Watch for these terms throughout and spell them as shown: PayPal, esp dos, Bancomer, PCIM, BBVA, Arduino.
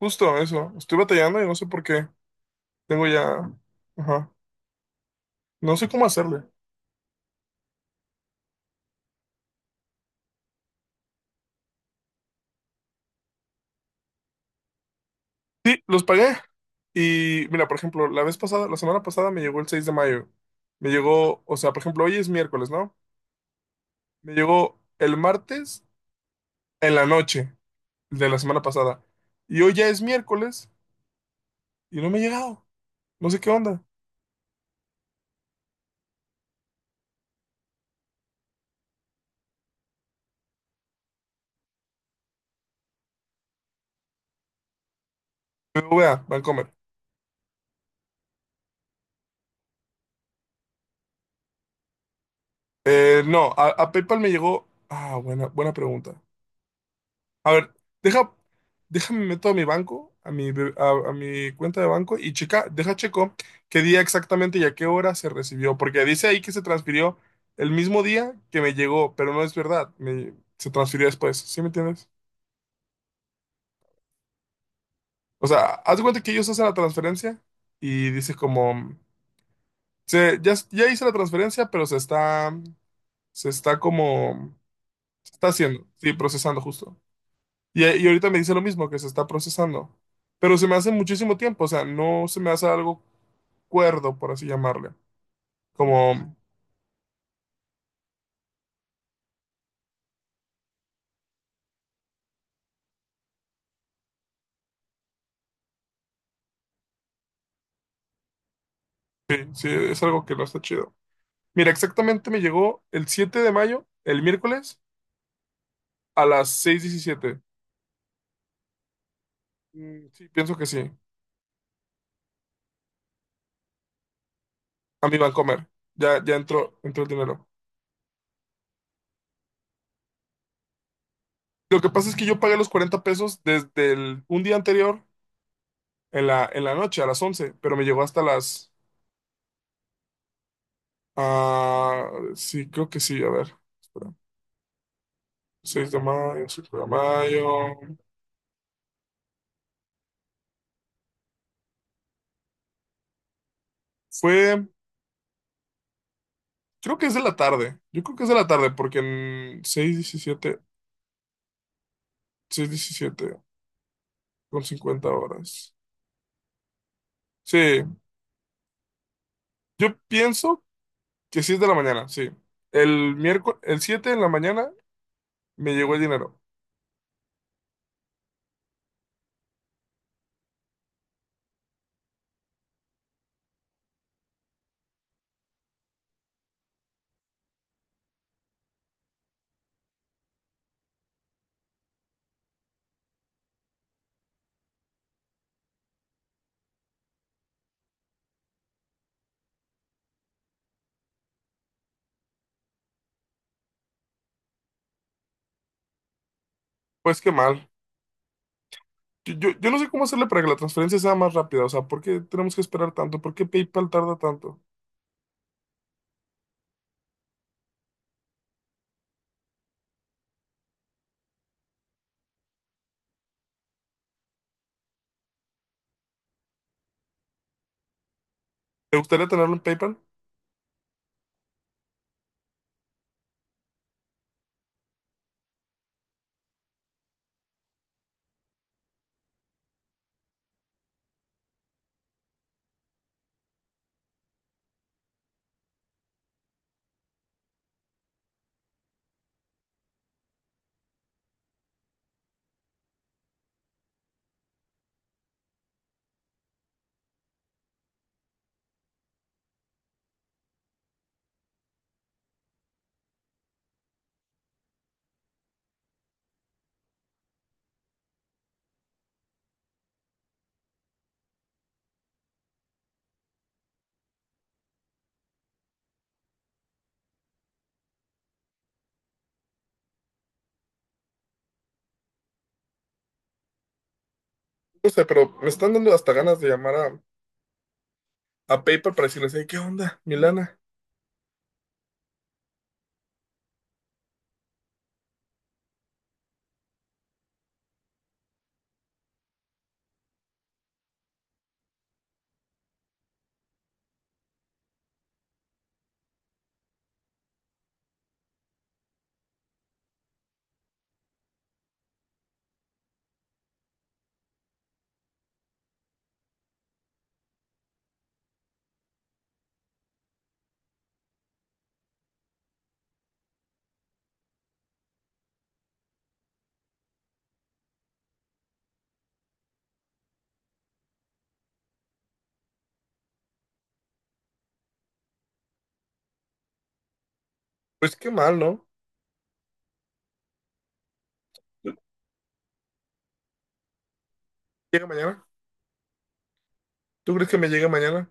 Justo eso. Estoy batallando y no sé por qué. Tengo ya. Ajá. No sé cómo hacerle. Sí, los pagué. Y mira, por ejemplo, la semana pasada me llegó el 6 de mayo. Me llegó, o sea, por ejemplo, hoy es miércoles, ¿no? Me llegó el martes en la noche de la semana pasada. Y hoy ya es miércoles y no me ha llegado. No sé qué onda. BBVA, Bancomer. No, a PayPal me llegó. Ah, buena pregunta. A ver, deja, déjame meto a mi banco, a mi cuenta de banco y checa, deja checo qué día exactamente y a qué hora se recibió, porque dice ahí que se transfirió el mismo día que me llegó, pero no es verdad, se transfirió después, ¿sí me entiendes? O sea, haz de cuenta que ellos hacen la transferencia y dice como, ya hice la transferencia, pero se está como, se está haciendo, sí, procesando justo. Y ahorita me dice lo mismo, que se está procesando. Pero se me hace muchísimo tiempo, o sea, no se me hace algo cuerdo, por así llamarle. Como, sí, sí, es algo que no está chido. Mira, exactamente me llegó el 7 de mayo, el miércoles, a las 6:17. Mm, sí, pienso que sí. A mi Bancomer. Ya entró, entró el dinero. Lo que pasa es que yo pagué los 40 pesos desde un día anterior, en la noche, a las 11, pero me llegó hasta las... ah, sí, creo que sí, a ver. Espera. 6 de mayo, 5 de mayo. Fue, creo que es de la tarde. Yo creo que es de la tarde porque en 6:17, 6:17:50 horas. Sí, yo pienso que sí es de la mañana, sí. El miércoles, el 7 de la mañana me llegó el dinero. Pues qué mal. Yo no sé cómo hacerle para que la transferencia sea más rápida. O sea, ¿por qué tenemos que esperar tanto? ¿Por qué PayPal tarda tanto? ¿Te gustaría tenerlo en PayPal? No sé, pero me están dando hasta ganas de llamar a PayPal para decirles, "Hey, ¿qué onda, Milana? Pues qué mal, ¿no? Llega mañana. ¿Tú crees que me llegue mañana?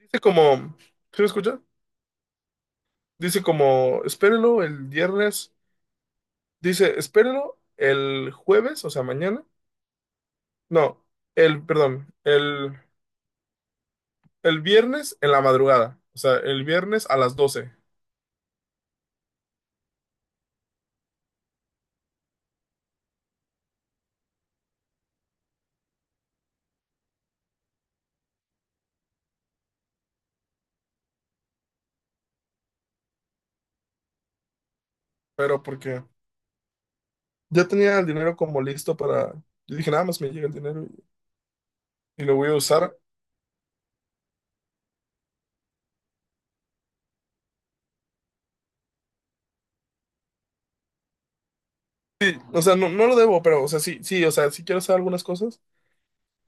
Dice como, ¿sí me escucha? Dice como, espérelo el viernes. Dice, espérelo el jueves, o sea, mañana. No, el, perdón, el, el viernes en la madrugada. O sea, el viernes a las 12. Pero porque ya tenía el dinero como listo para... Yo dije, nada más me llega el dinero y lo voy a usar. Sí, o sea, no, no lo debo, pero, o sea, sí, sí, o sea, sí quiero hacer algunas cosas.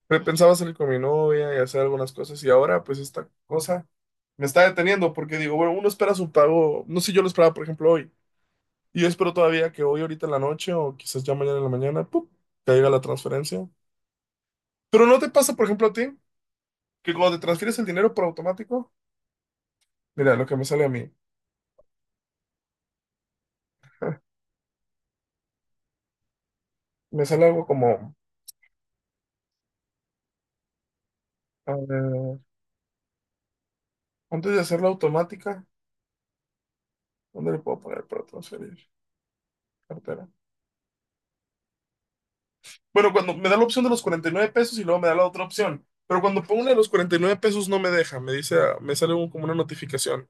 Pe- Pensaba salir con mi novia y hacer algunas cosas y ahora pues esta cosa me está deteniendo porque digo, bueno, uno espera su pago, no sé, yo lo esperaba por ejemplo hoy y yo espero todavía que hoy ahorita en la noche o quizás ya mañana en la mañana, ¡pum!, caiga la transferencia. Pero ¿no te pasa por ejemplo a ti que cuando te transfieres el dinero por automático? Mira, lo que me sale a mí, me sale algo como, a ver, antes de hacerla automática, ¿dónde le puedo poner para transferir? Cartera. Bueno, cuando me da la opción de los 49 pesos y luego me da la otra opción. Pero cuando pongo una de los 49 pesos no me deja, me dice, ah, me sale un- como una notificación.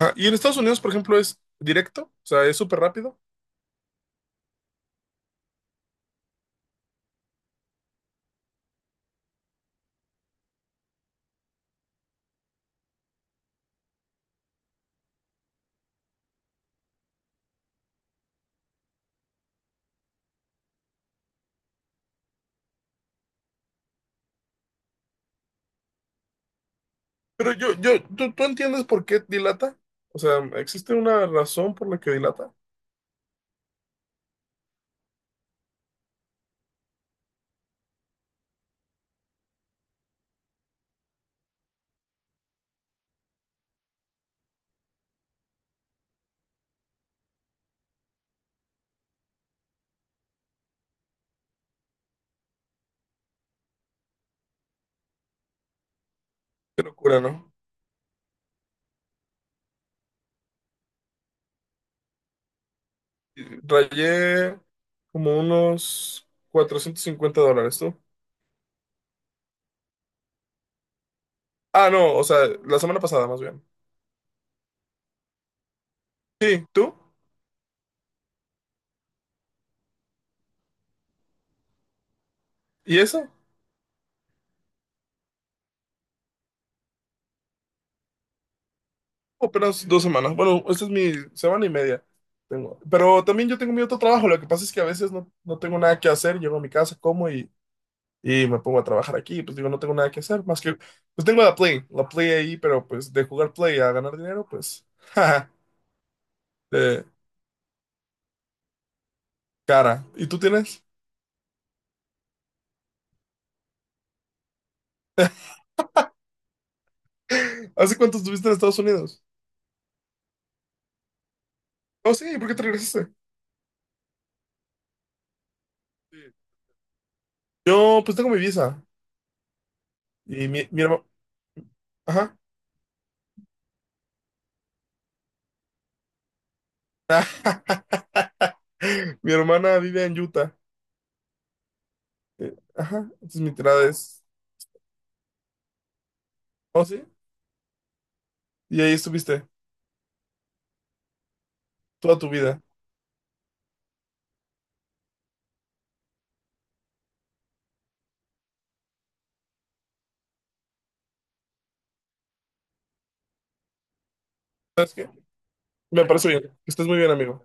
Ah, y en Estados Unidos, por ejemplo, es directo, o sea, es súper rápido. Pero ¿tú, tú entiendes por qué dilata? O sea, ¿existe una razón por la que dilata? Qué locura, ¿no? Rayé como unos $450, ¿tú? Ah, no, o sea, la semana pasada más bien. Sí, ¿tú? ¿Y eso? Apenas 2 semanas. Bueno, esta es mi semana y media. Tengo. Pero también yo tengo mi otro trabajo. Lo que pasa es que a veces no, no tengo nada que hacer. Llego a mi casa, como y me pongo a trabajar aquí. Pues digo, no tengo nada que hacer. Más que, pues tengo la Play. La Play ahí, pero pues de jugar Play a ganar dinero, pues, jaja, de cara. ¿Y tú tienes? ¿Hace cuánto estuviste en Estados Unidos? Oh, sí, ¿por qué te regresaste? Sí. Yo, pues tengo mi visa. Y mi hermano. Ajá. Mi hermana vive en Utah. Ajá, entonces mi tirada es... ¿Oh, sí? Y ahí estuviste toda tu vida. ¿Sabes qué? Me parece bien. Que estés muy bien, amigo.